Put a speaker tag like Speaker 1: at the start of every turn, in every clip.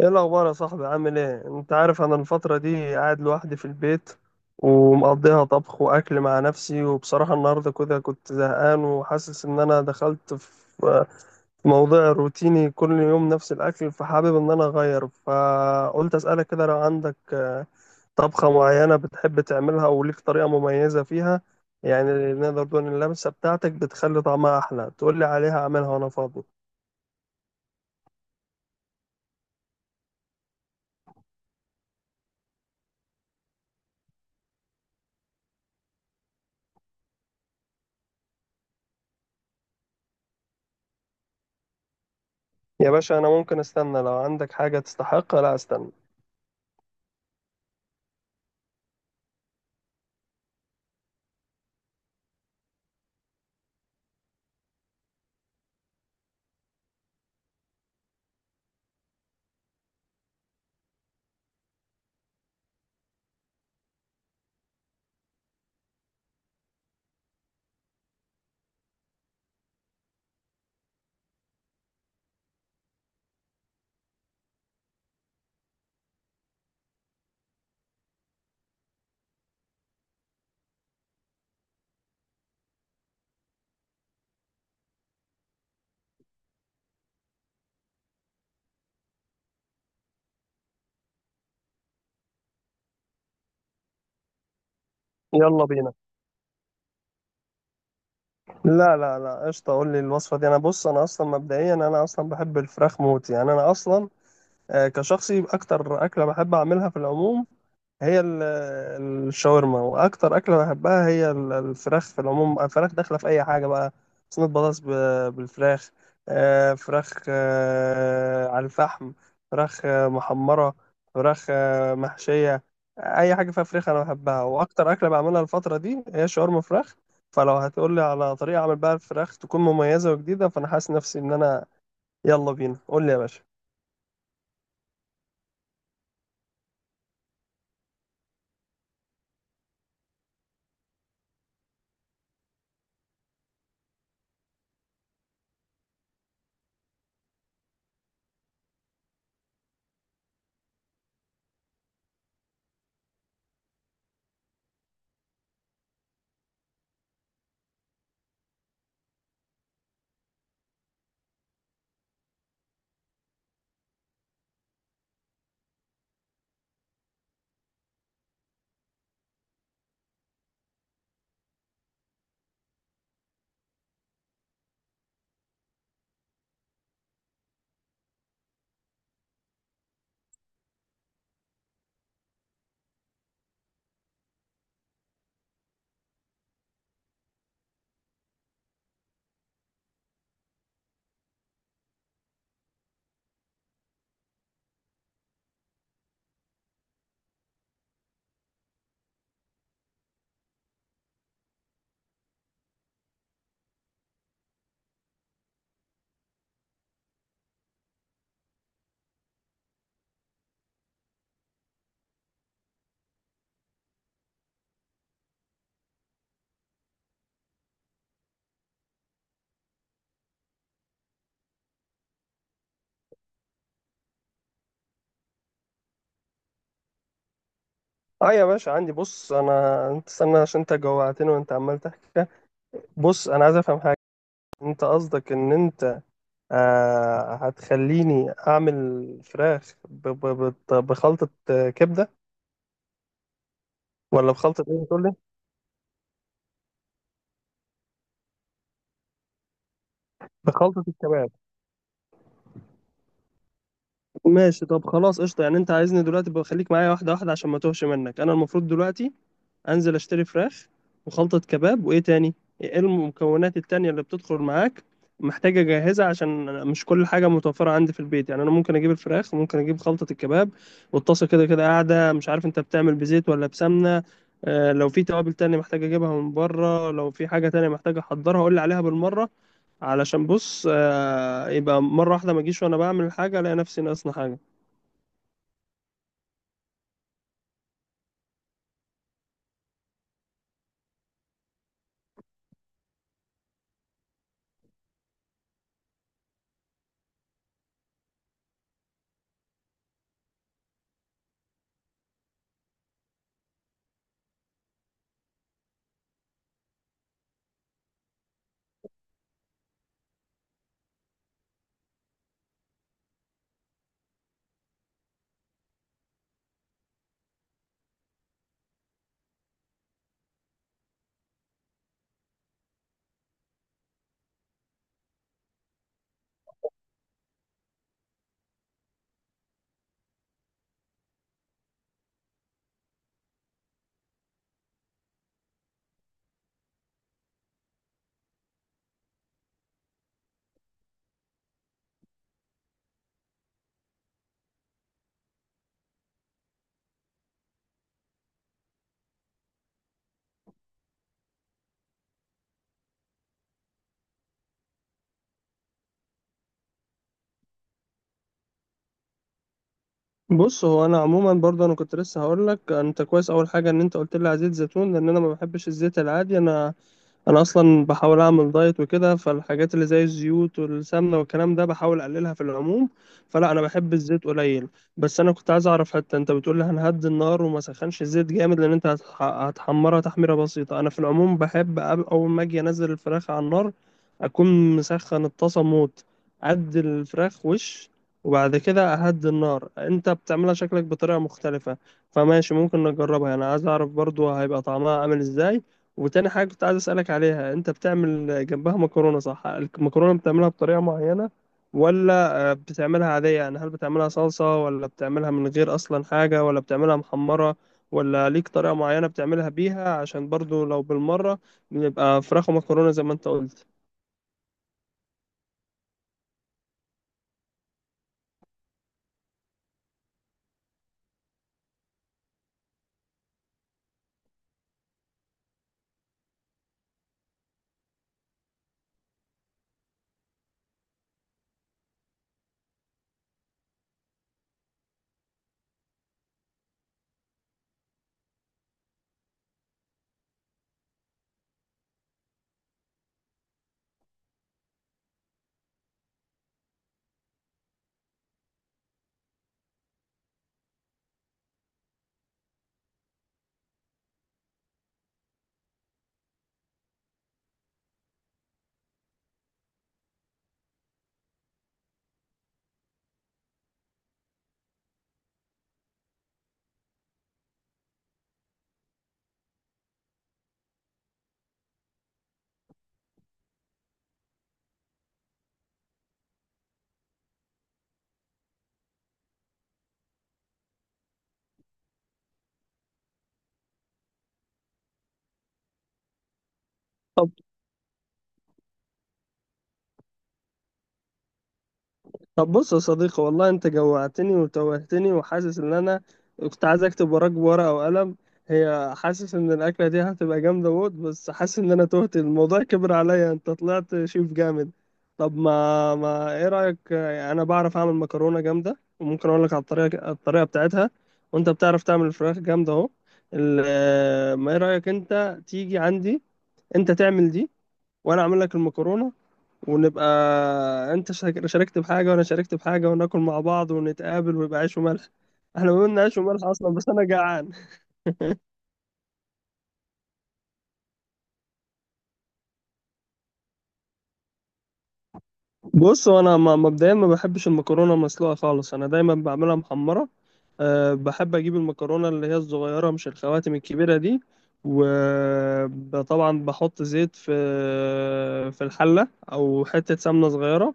Speaker 1: ايه الاخبار يا صاحبي؟ عامل ايه؟ انت عارف انا الفتره دي قاعد لوحدي في البيت، ومقضيها طبخ واكل مع نفسي. وبصراحه النهارده كده كنت زهقان، وحاسس ان انا دخلت في موضوع روتيني، كل يوم نفس الاكل، فحابب ان انا اغير، فقلت اسالك كده لو عندك طبخه معينه بتحب تعملها وليك طريقه مميزه فيها. يعني نقدر نقول إن اللمسه بتاعتك بتخلي طعمها احلى. تقول لي عليها اعملها وانا فاضي. يا باشا انا ممكن استنى، لو عندك حاجة تستحق لا استنى. يلا بينا. لا لا لا، قشطة، قول لي الوصفة دي. انا بص، انا اصلا مبدئيا انا اصلا بحب الفراخ موت، يعني انا اصلا كشخصي اكتر اكلة بحب اعملها في العموم هي الشاورما، واكتر اكله بحبها هي الفراخ في العموم. الفراخ داخله في اي حاجه بقى، صينيه بطاطس بالفراخ، فراخ على الفحم، فراخ محمره، فراخ محشيه. اي حاجه فيها فراخ انا بحبها، واكتر اكله بعملها الفتره دي هي شاورما فراخ. فلو هتقولي على طريقه اعمل بقى الفراخ تكون مميزه وجديده، فانا حاسس نفسي ان انا... يلا بينا، قول لي يا باشا. اه يا باشا، عندي. بص، انا، انت استنى عشان انت جوعتني وانت عمال تحكي. بص انا عايز افهم حاجه. انت قصدك ان انت هتخليني اعمل فراخ بخلطه كبده؟ ولا بخلطه ايه بتقول لي؟ بخلطه الكباب؟ ماشي، طب خلاص قشطه. يعني انت عايزني دلوقتي، بخليك معايا واحده واحده عشان ما توهش منك. انا المفروض دلوقتي انزل اشتري فراخ وخلطة كباب، وايه تاني؟ ايه المكونات التانية اللي بتدخل معاك محتاجة اجهزها؟ عشان أنا مش كل حاجة متوفرة عندي في البيت. يعني انا ممكن اجيب الفراخ وممكن اجيب خلطة الكباب، والطاسة كده كده قاعدة. مش عارف انت بتعمل بزيت ولا بسمنة. لو في توابل تانية محتاج اجيبها من بره، لو في حاجة تانية محتاج احضرها قول لي عليها بالمرة. علشان بص، يبقى مرة واحدة ما اجيش وانا بعمل حاجة الاقي نفسي ناقصنا حاجة. بص، هو انا عموما برضه انا كنت لسه هقول لك، انت كويس اول حاجه ان انت قلت لي على زيت زيتون، لان انا ما بحبش الزيت العادي. انا اصلا بحاول اعمل دايت وكده، فالحاجات اللي زي الزيوت والسمنه والكلام ده بحاول اقللها في العموم. فلا، انا بحب الزيت قليل. بس انا كنت عايز اعرف، حتى انت بتقول لي هنهدي النار وما سخنش الزيت جامد لان انت هتحمرها تحميره بسيطه. انا في العموم بحب اول ما اجي انزل الفراخ على النار اكون مسخن الطاسه موت، ادي الفراخ وش وبعد كده اهدي النار. انت بتعملها شكلك بطريقه مختلفه، فماشي، ممكن نجربها، انا عايز اعرف برضو هيبقى طعمها عامل ازاي. وتاني حاجة كنت عايز أسألك عليها، أنت بتعمل جنبها مكرونة صح؟ المكرونة بتعملها بطريقة معينة ولا بتعملها عادية؟ يعني هل بتعملها صلصة، ولا بتعملها من غير أصلا حاجة، ولا بتعملها محمرة، ولا ليك طريقة معينة بتعملها بيها؟ عشان برضو لو بالمرة نبقى فراخ ومكرونة زي ما أنت قلت. طب بص يا صديقي، والله انت جوعتني وتوهتني، وحاسس ان انا كنت عايز اكتب وراك بورقة وقلم. هي، حاسس ان الاكلة دي هتبقى جامدة موت، بس حاسس ان انا تهت، الموضوع كبر عليا، انت طلعت شيف جامد. طب ما ايه رأيك، انا بعرف اعمل مكرونة جامدة وممكن اقول لك على الطريقة بتاعتها. وانت بتعرف تعمل فراخ جامدة اهو. اه، ما ايه رأيك انت تيجي عندي، انت تعمل دي، وانا اعمل لك المكرونة، ونبقى... انت شاركت بحاجه وانا شاركت بحاجه، وناكل مع بعض ونتقابل ويبقى عيش وملح. احنا ما بينا عيش وملح اصلا، بس انا جعان. بص، وانا مبدئيا ما بحبش المكرونه المسلوقه خالص، انا دايما بعملها محمره. أه، بحب اجيب المكرونه اللي هي الصغيره مش الخواتم الكبيره دي. وطبعا بحط زيت في الحله او حته سمنه صغيره.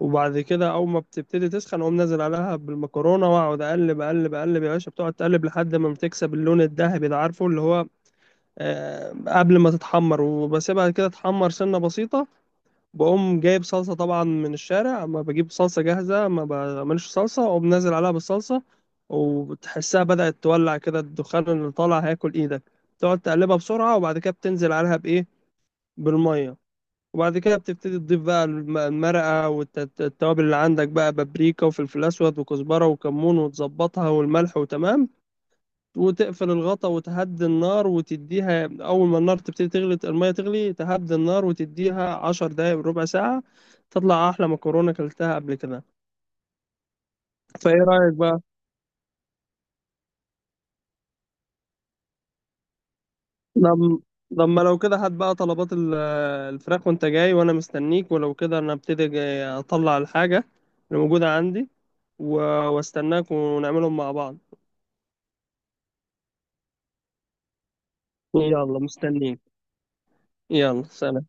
Speaker 1: وبعد كده اول ما بتبتدي تسخن، اقوم نازل عليها بالمكرونه، واقعد اقلب اقلب اقلب. يا باشا بتقعد تقلب لحد ما بتكسب اللون الذهبي ده، عارفه اللي هو قبل ما تتحمر، وبسيبها كده تحمر سنه بسيطه. بقوم جايب صلصه، طبعا من الشارع، اما بجيب صلصه جاهزه، ما بعملش صلصه. اقوم نازل عليها بالصلصه، وبتحسها بدأت تولع كده، الدخان اللي طالع هياكل ايدك. تقعد تقلبها بسرعه، وبعد كده بتنزل عليها بايه؟ بالميه. وبعد كده بتبتدي تضيف بقى المرقة والتوابل اللي عندك بقى، بابريكا وفلفل أسود وكزبرة وكمون، وتظبطها والملح، وتمام. وتقفل الغطا وتهدي النار وتديها، أول ما النار تبتدي تغلي، المية تغلي تهدي النار وتديها 10 دقايق، ربع ساعة. تطلع أحلى مكرونة أكلتها قبل كده. فإيه رأيك بقى؟ لما لما لو كده هات بقى طلبات الفراخ، وانت جاي وانا مستنيك. ولو كده انا ابتدي جاي اطلع الحاجة اللي موجودة عندي، و- واستناك ونعملهم مع بعض. يلا مستنيك. يلا سلام.